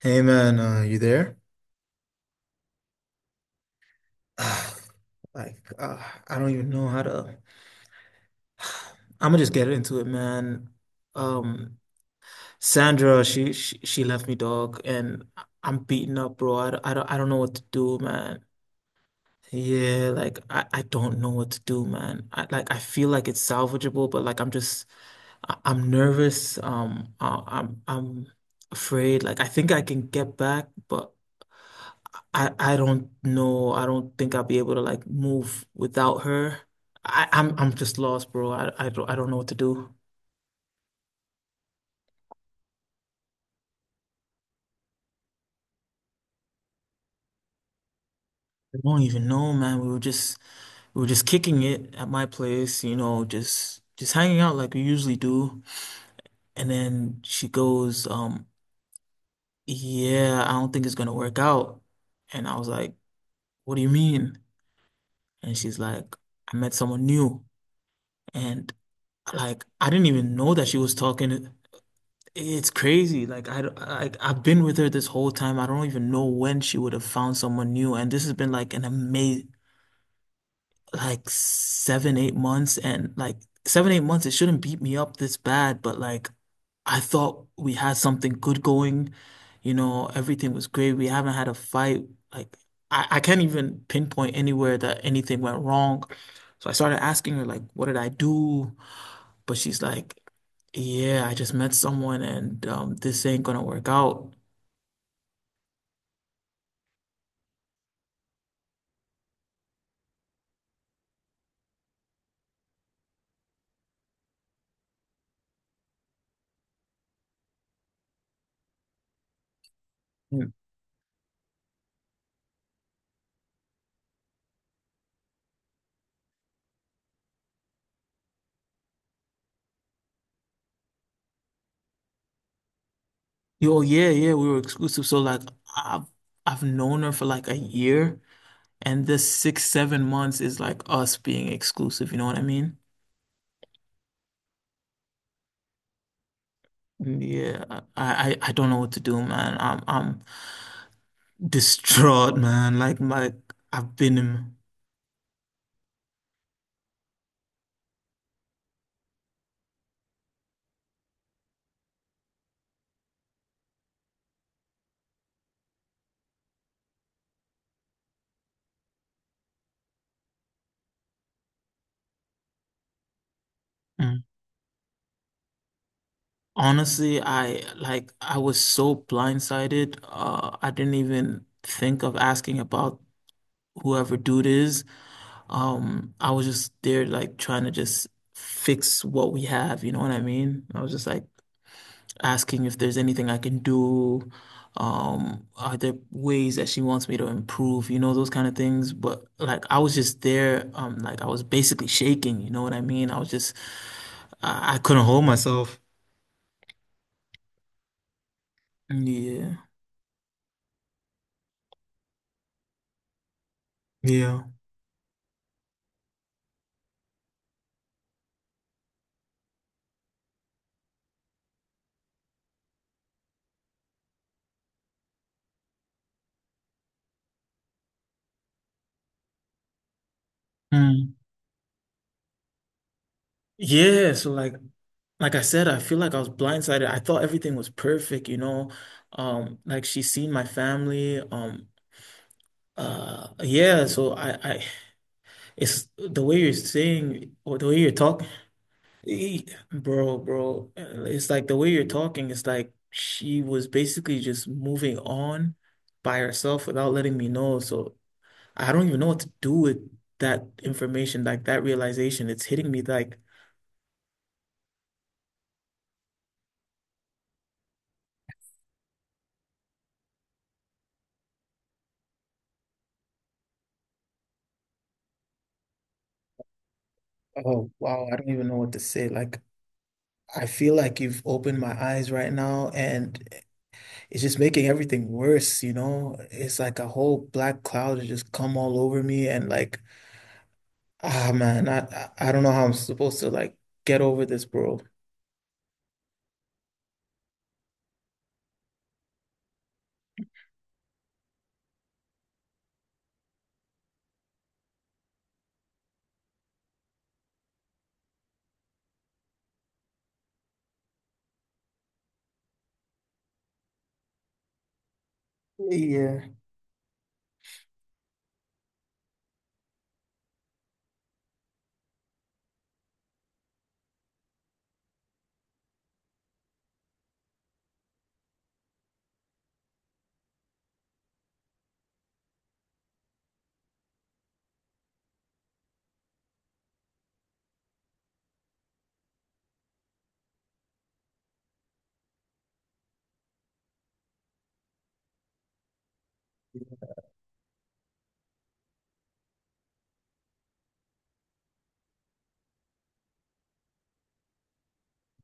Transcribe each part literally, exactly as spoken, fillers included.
Hey man, uh, you there? Ah, Like, uh, I don't even know how to. I'm gonna just get into it, man. Um, Sandra, she she, she left me, dog, and I'm beaten up, bro. I, don't- I don't I don't know what to do, man. Yeah, like I, I don't know what to do, man. I like I feel like it's salvageable, but like I'm just I, I'm nervous. Um, I, I'm I'm afraid. Like I think I can get back, but. I I don't know. I don't think I'll be able to like move without her. I, I'm I'm just lost, bro. I I don't I don't know what to do. I don't even know, man. We were just we were just kicking it at my place, you know, just just hanging out like we usually do. And then she goes, um, yeah, I don't think it's gonna work out. And I was like, what do you mean? And she's like, I met someone new. And like I didn't even know that she was talking. It's crazy. Like I, I, I've been with her this whole time. I don't even know when she would have found someone new. And this has been like an amazing, like seven, eight months. And like seven, eight months, it shouldn't beat me up this bad. But like, I thought we had something good going. You know, everything was great. We haven't had a fight. Like I, I can't even pinpoint anywhere that anything went wrong. So I started asking her, like, what did I do? But she's like, yeah, I just met someone and um, this ain't gonna work out. Yeah. Yo, yeah, yeah, we were exclusive. So like I've I've known her for like a year and this six, seven months is like us being exclusive, you know what I mean? Yeah, I, I I don't know what to do, man. I'm I'm distraught, man. Like my I've been in mm. Honestly, I like I was so blindsided. Uh I didn't even think of asking about whoever dude is. Um, I was just there like trying to just fix what we have, you know what I mean? I was just like asking if there's anything I can do. Um, are there ways that she wants me to improve, you know, those kind of things. But like I was just there, um, like I was basically shaking, you know what I mean? I was just I, I couldn't hold myself. Yeah. Yeah. Mm. Yeah, so like like I said, I feel like I was blindsided. I thought everything was perfect, you know. Um, like she's seen my family. Um, Uh, yeah, so I, I, it's the way you're saying or the way you're talking, bro, bro. uh, It's like the way you're talking, it's like she was basically just moving on by herself without letting me know. So I don't even know what to do with that information, like that realization. It's hitting me like, oh, wow, I don't even know what to say. Like, I feel like you've opened my eyes right now, and it's just making everything worse, you know? It's like a whole black cloud has just come all over me and like, ah man, I I I don't know how I'm supposed to like get over this, bro. Yeah.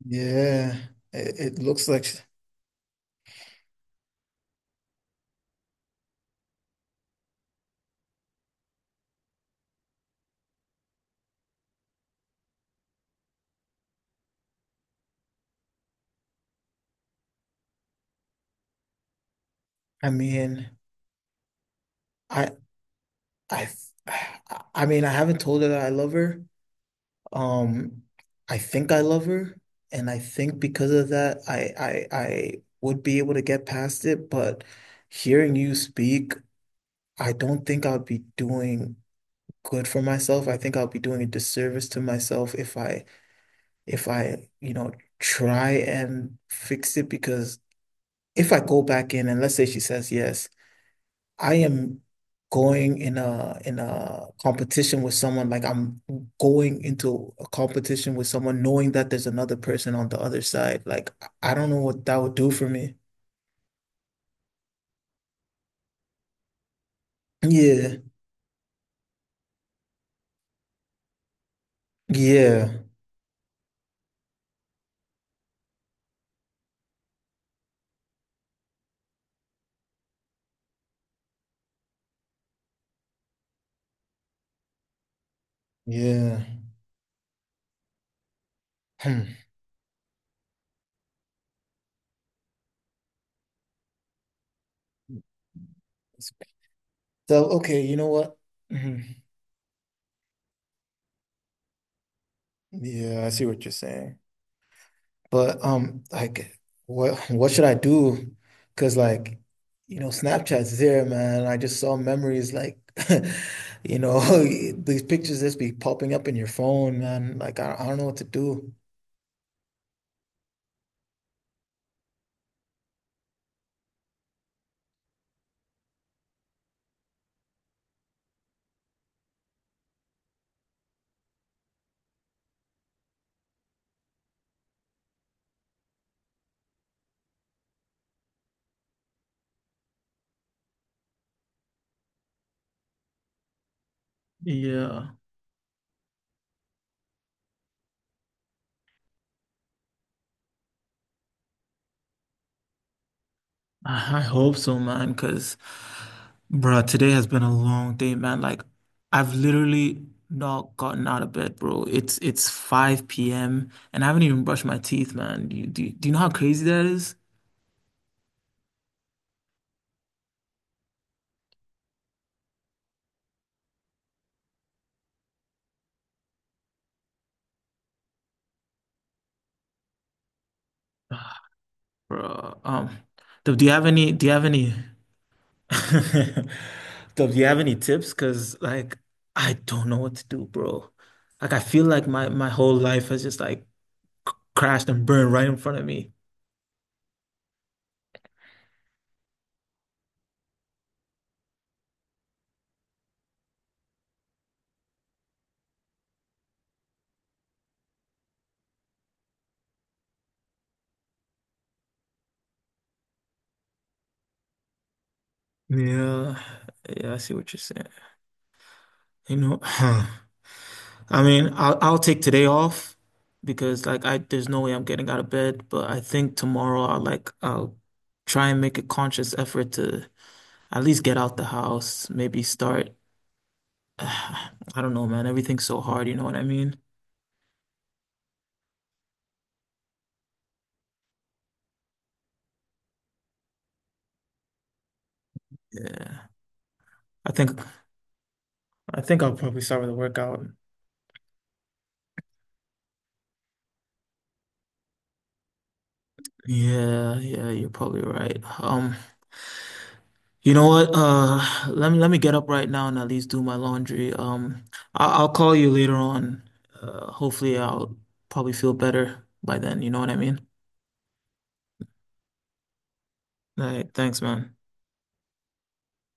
Yeah. It, it looks like I mean, I I I mean, I haven't told her that I love her. Um, I think I love her, and I think because of that, I I I would be able to get past it, but hearing you speak, I don't think I would be doing good for myself. I think I'll be doing a disservice to myself if I if I, you know, try and fix it because if I go back in and let's say she says yes, I am going in a in a competition with someone like I'm going into a competition with someone knowing that there's another person on the other side. Like I don't know what that would do for me. Yeah. Yeah. Yeah. Hmm. So okay, you know what? Mhm. Yeah, I see what you're saying. But um, like, what what should I do? Because like, you know, Snapchat's there, man. I just saw memories like, you know, these pictures just be popping up in your phone, man. Like, I, I don't know what to do. Yeah, I I hope so, man. Because, bro, today has been a long day, man. Like, I've literally not gotten out of bed, bro. It's it's five p m and I haven't even brushed my teeth, man. Do you, do you, do you know how crazy that is? Bro, um, do you have any? Do you have any? Do you have any tips? Cause like I don't know what to do, bro. Like I feel like my my whole life has just like c- crashed and burned right in front of me. Yeah, yeah, I see what you're saying. You know, I mean, I'll I'll take today off because like I there's no way I'm getting out of bed. But I think tomorrow I'll like I'll try and make a conscious effort to at least get out the house, maybe start. I don't know, man. Everything's so hard, you know what I mean? Yeah. I think I think I'll probably start with a workout. Yeah, yeah, you're probably right. Um, you know what? Uh, let me let me get up right now and at least do my laundry. Um, I I'll call you later on. Uh, hopefully I'll probably feel better by then, you know what I mean? All right, thanks, man.